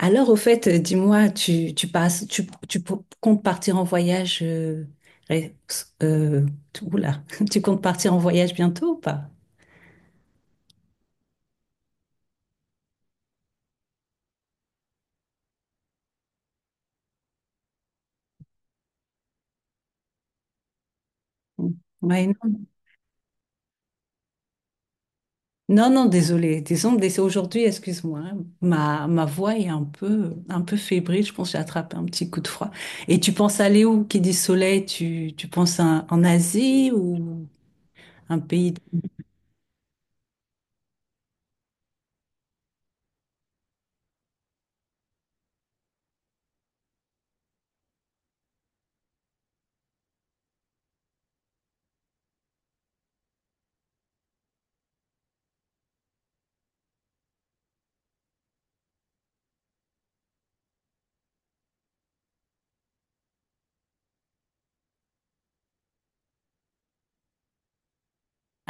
Alors, au fait, dis-moi, tu passes, tu comptes partir en voyage, ré- euh, tu- oula, tu comptes partir en voyage bientôt ou pas? Mm. Ouais, non. Non, désolée, aujourd'hui, excuse-moi, hein. Ma voix est un peu fébrile, je pense que j'ai attrapé un petit coup de froid. Et tu penses aller où? Qui dit soleil, tu penses en Asie ou un pays.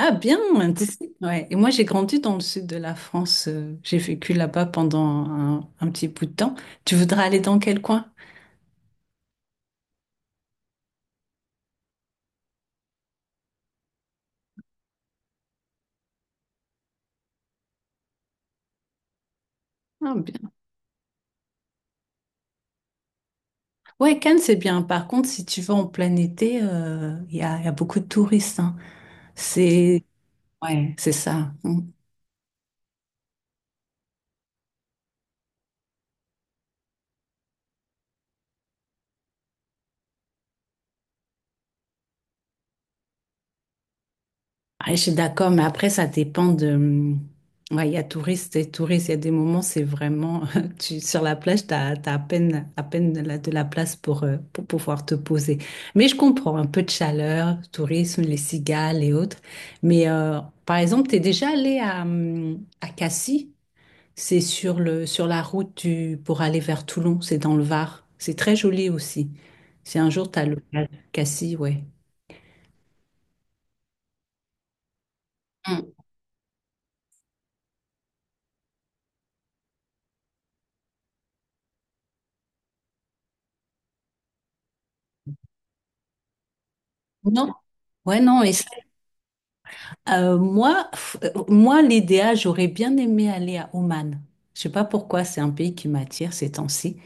Ah bien, tu sais, ouais. Et moi, j'ai grandi dans le sud de la France. J'ai vécu là-bas pendant un petit bout de temps. Tu voudrais aller dans quel coin? Ah bien. Ouais, Cannes, c'est bien. Par contre, si tu vas en plein été, il y a beaucoup de touristes, hein. C'est ouais, c'est ça. Ouais, je suis d'accord, mais après, ça dépend de... ouais, il y a touristes et touristes. Il y a des moments, c'est vraiment... sur la plage, tu as, à peine, à peine de la place pour pouvoir te poser. Mais je comprends un peu de chaleur, tourisme, les cigales et autres. Mais par exemple, tu es déjà allé à Cassis. Sur la route du, pour aller vers Toulon. C'est dans le Var. C'est très joli aussi. Si un jour, tu as le Cassis, ouais. Mm. Non? Ouais, non, et ça, moi, moi, l'idéal, j'aurais bien aimé aller à Oman. Je sais pas pourquoi, c'est un pays qui m'attire ces temps-ci.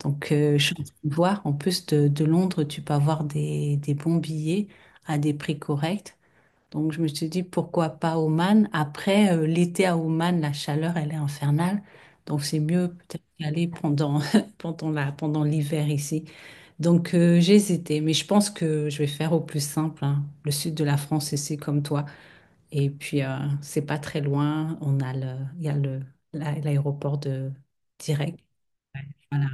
Donc, je suis en train de voir. En plus de Londres, tu peux avoir des bons billets à des prix corrects. Donc, je me suis dit, pourquoi pas Oman? Après, l'été à Oman, la chaleur, elle est infernale. Donc, c'est mieux peut-être d'y aller pendant, pendant l'hiver ici. Donc, j'ai hésité, mais je pense que je vais faire au plus simple, hein. Le sud de la France, ici, comme toi. Et puis, c'est pas très loin. Il y a le, l'aéroport de direct. Ouais. Voilà.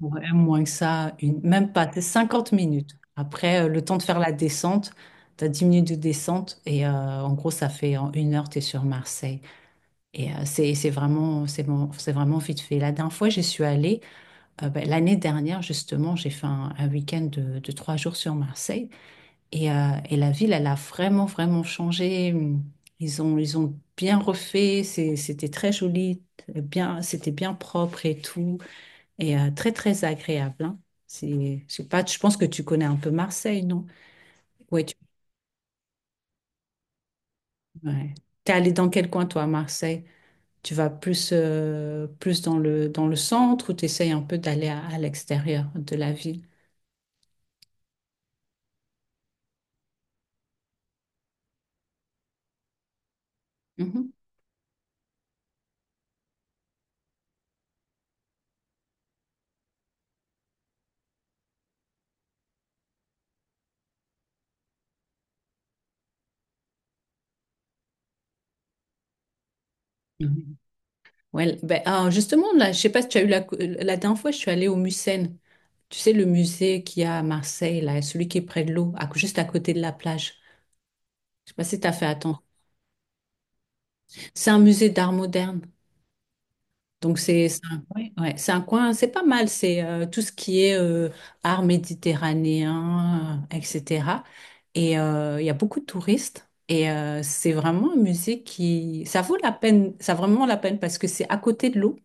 Ouais, moins que ça, une, même pas, c'est 50 minutes. Après, le temps de faire la descente, tu as 10 minutes de descente et en gros, ça fait en une heure, tu es sur Marseille. Et euh, c'est vraiment, c'est vraiment vite fait. La dernière fois, j'y suis allée, ben, l'année dernière, justement, j'ai fait un week-end de trois jours sur Marseille. Et la ville, elle a vraiment, vraiment changé. Ils ont bien refait. C'était très joli, bien, c'était bien propre et tout. Et très, très agréable, hein. C'est pas, je pense que tu connais un peu Marseille, non? Ouais, tu, ouais. T'es allé dans quel coin, toi, à Marseille? Tu vas plus, plus dans le centre ou tu essayes un peu d'aller à l'extérieur de la ville? Mhm. Ouais, ben, ah, justement, là, je sais pas si tu as eu la, la dernière fois, je suis allée au Mucem. Tu sais, le musée qu'il y a à Marseille, là, celui qui est près de l'eau, juste à côté de la plage. Je sais pas si tu as fait attention. C'est un musée d'art moderne. Donc, c'est un coin, c'est pas mal. C'est tout ce qui est art méditerranéen, etc. Et il y a beaucoup de touristes. Et c'est vraiment un musée qui, ça vaut la peine, ça vaut vraiment la peine parce que c'est à côté de l'eau.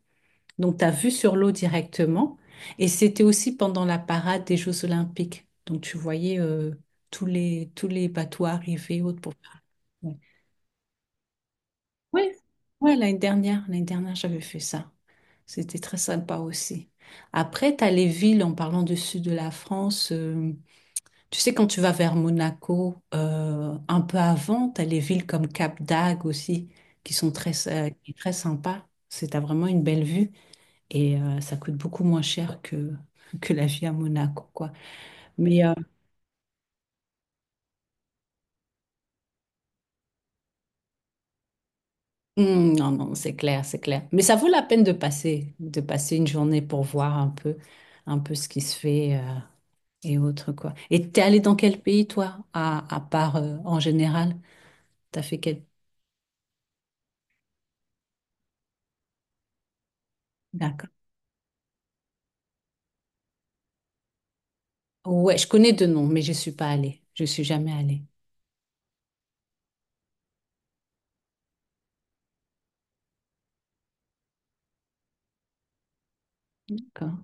Donc, tu as vu sur l'eau directement. Et c'était aussi pendant la parade des Jeux Olympiques. Donc, tu voyais tous les bateaux arriver autres pour faire. Ouais, ouais, ouais, l'année dernière, j'avais fait ça. C'était très sympa aussi. Après, tu as les villes, en parlant du sud de la France. Tu sais, quand tu vas vers Monaco, un peu avant, tu as les villes comme Cap d'Agde aussi, qui sont très, très sympas. C'est, t'as vraiment une belle vue. Et ça coûte beaucoup moins cher que la vie à Monaco, quoi. Mais non, c'est clair, c'est clair. Mais ça vaut la peine de passer une journée pour voir un peu ce qui se fait et autres, quoi. Et t'es allé dans quel pays, toi, à part en général? T'as fait quel... D'accord. Ouais, je connais deux noms, mais je suis pas allée. Je suis jamais allée. D'accord.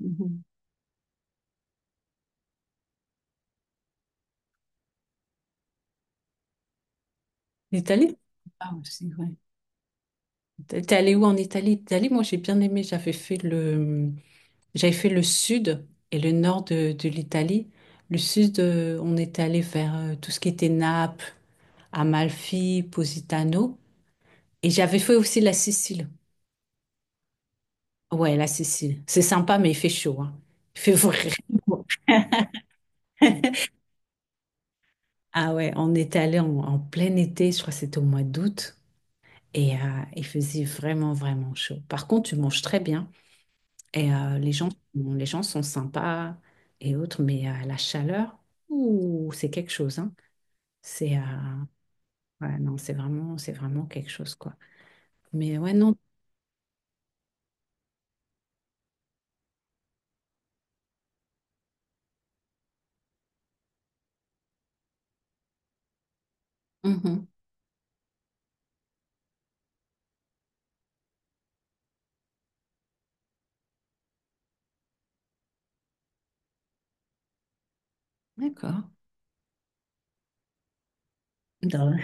Mhm. L'Italie? Ah, aussi, ouais. T'es allé où en Italie? Italie, moi j'ai bien aimé, j'avais fait le sud et le nord de l'Italie. Le sud, on était allé vers tout ce qui était Naples, Amalfi, Positano. Et j'avais fait aussi la Sicile. Ouais, la Sicile. C'est sympa, mais il fait chaud, hein. Il fait vraiment. Ah ouais, on était allé en, en plein été, je crois que c'était au mois d'août. Et il faisait vraiment, vraiment chaud. Par contre, tu manges très bien. Et euh, les gens sont sympas et autres, mais la chaleur, ouh, c'est quelque chose, hein. C'est ouais, non, c'est vraiment quelque chose, quoi. Mais ouais, non. Mhm. D'accord. Dans-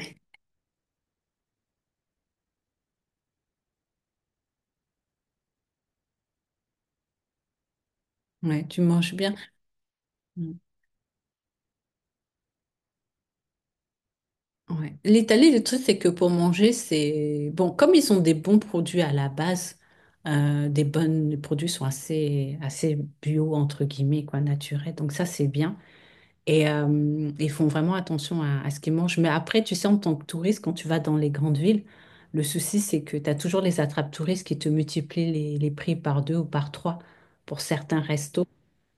Ouais, tu manges bien. Mm. Ouais. L'Italie, le truc, c'est que pour manger, c'est bon, comme ils ont des bons produits à la base, des bonnes les produits sont assez, assez bio, entre guillemets, quoi, naturels. Donc ça, c'est bien. Et ils font vraiment attention à ce qu'ils mangent. Mais après, tu sais, en tant que touriste, quand tu vas dans les grandes villes, le souci, c'est que tu as toujours les attrape-touristes qui te multiplient les prix par deux ou par trois pour certains restos.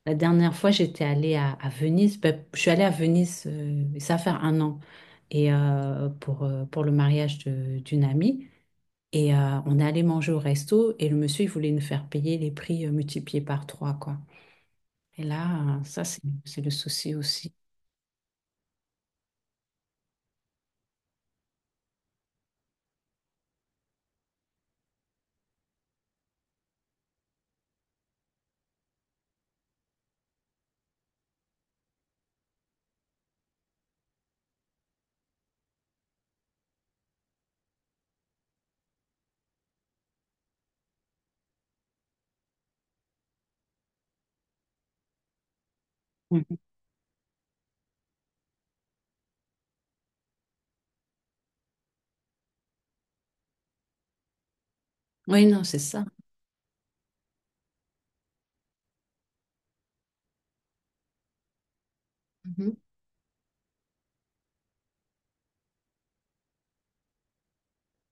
La dernière fois, j'étais allée à Venise. Ben, je suis allée à Venise, ça fait un an, et pour le mariage d'une amie. Et on est allé manger au resto et le monsieur, il voulait nous faire payer les prix multipliés par trois, quoi. Et là, ça, c'est le souci aussi. Oui, non, c'est ça. Mhm.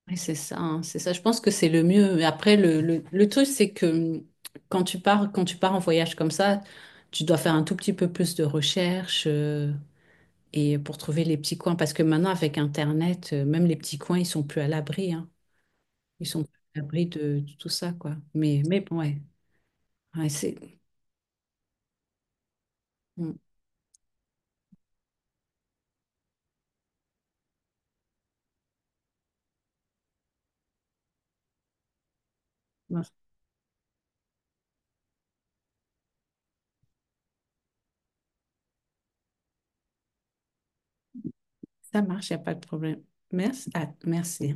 Oui, c'est ça, hein, c'est ça. Je pense que c'est le mieux. Mais après, le truc, c'est que hum, quand tu pars en voyage comme ça, tu dois faire un tout petit peu plus de recherche et pour trouver les petits coins. Parce que maintenant, avec Internet, même les petits coins, ils sont plus à l'abri, hein. Ils sont plus à l'abri de tout ça, quoi. Mais bon, ouais, ouais, c'est, hum, ouais, ça marche, il n'y a pas de problème. Merci. Ah, merci.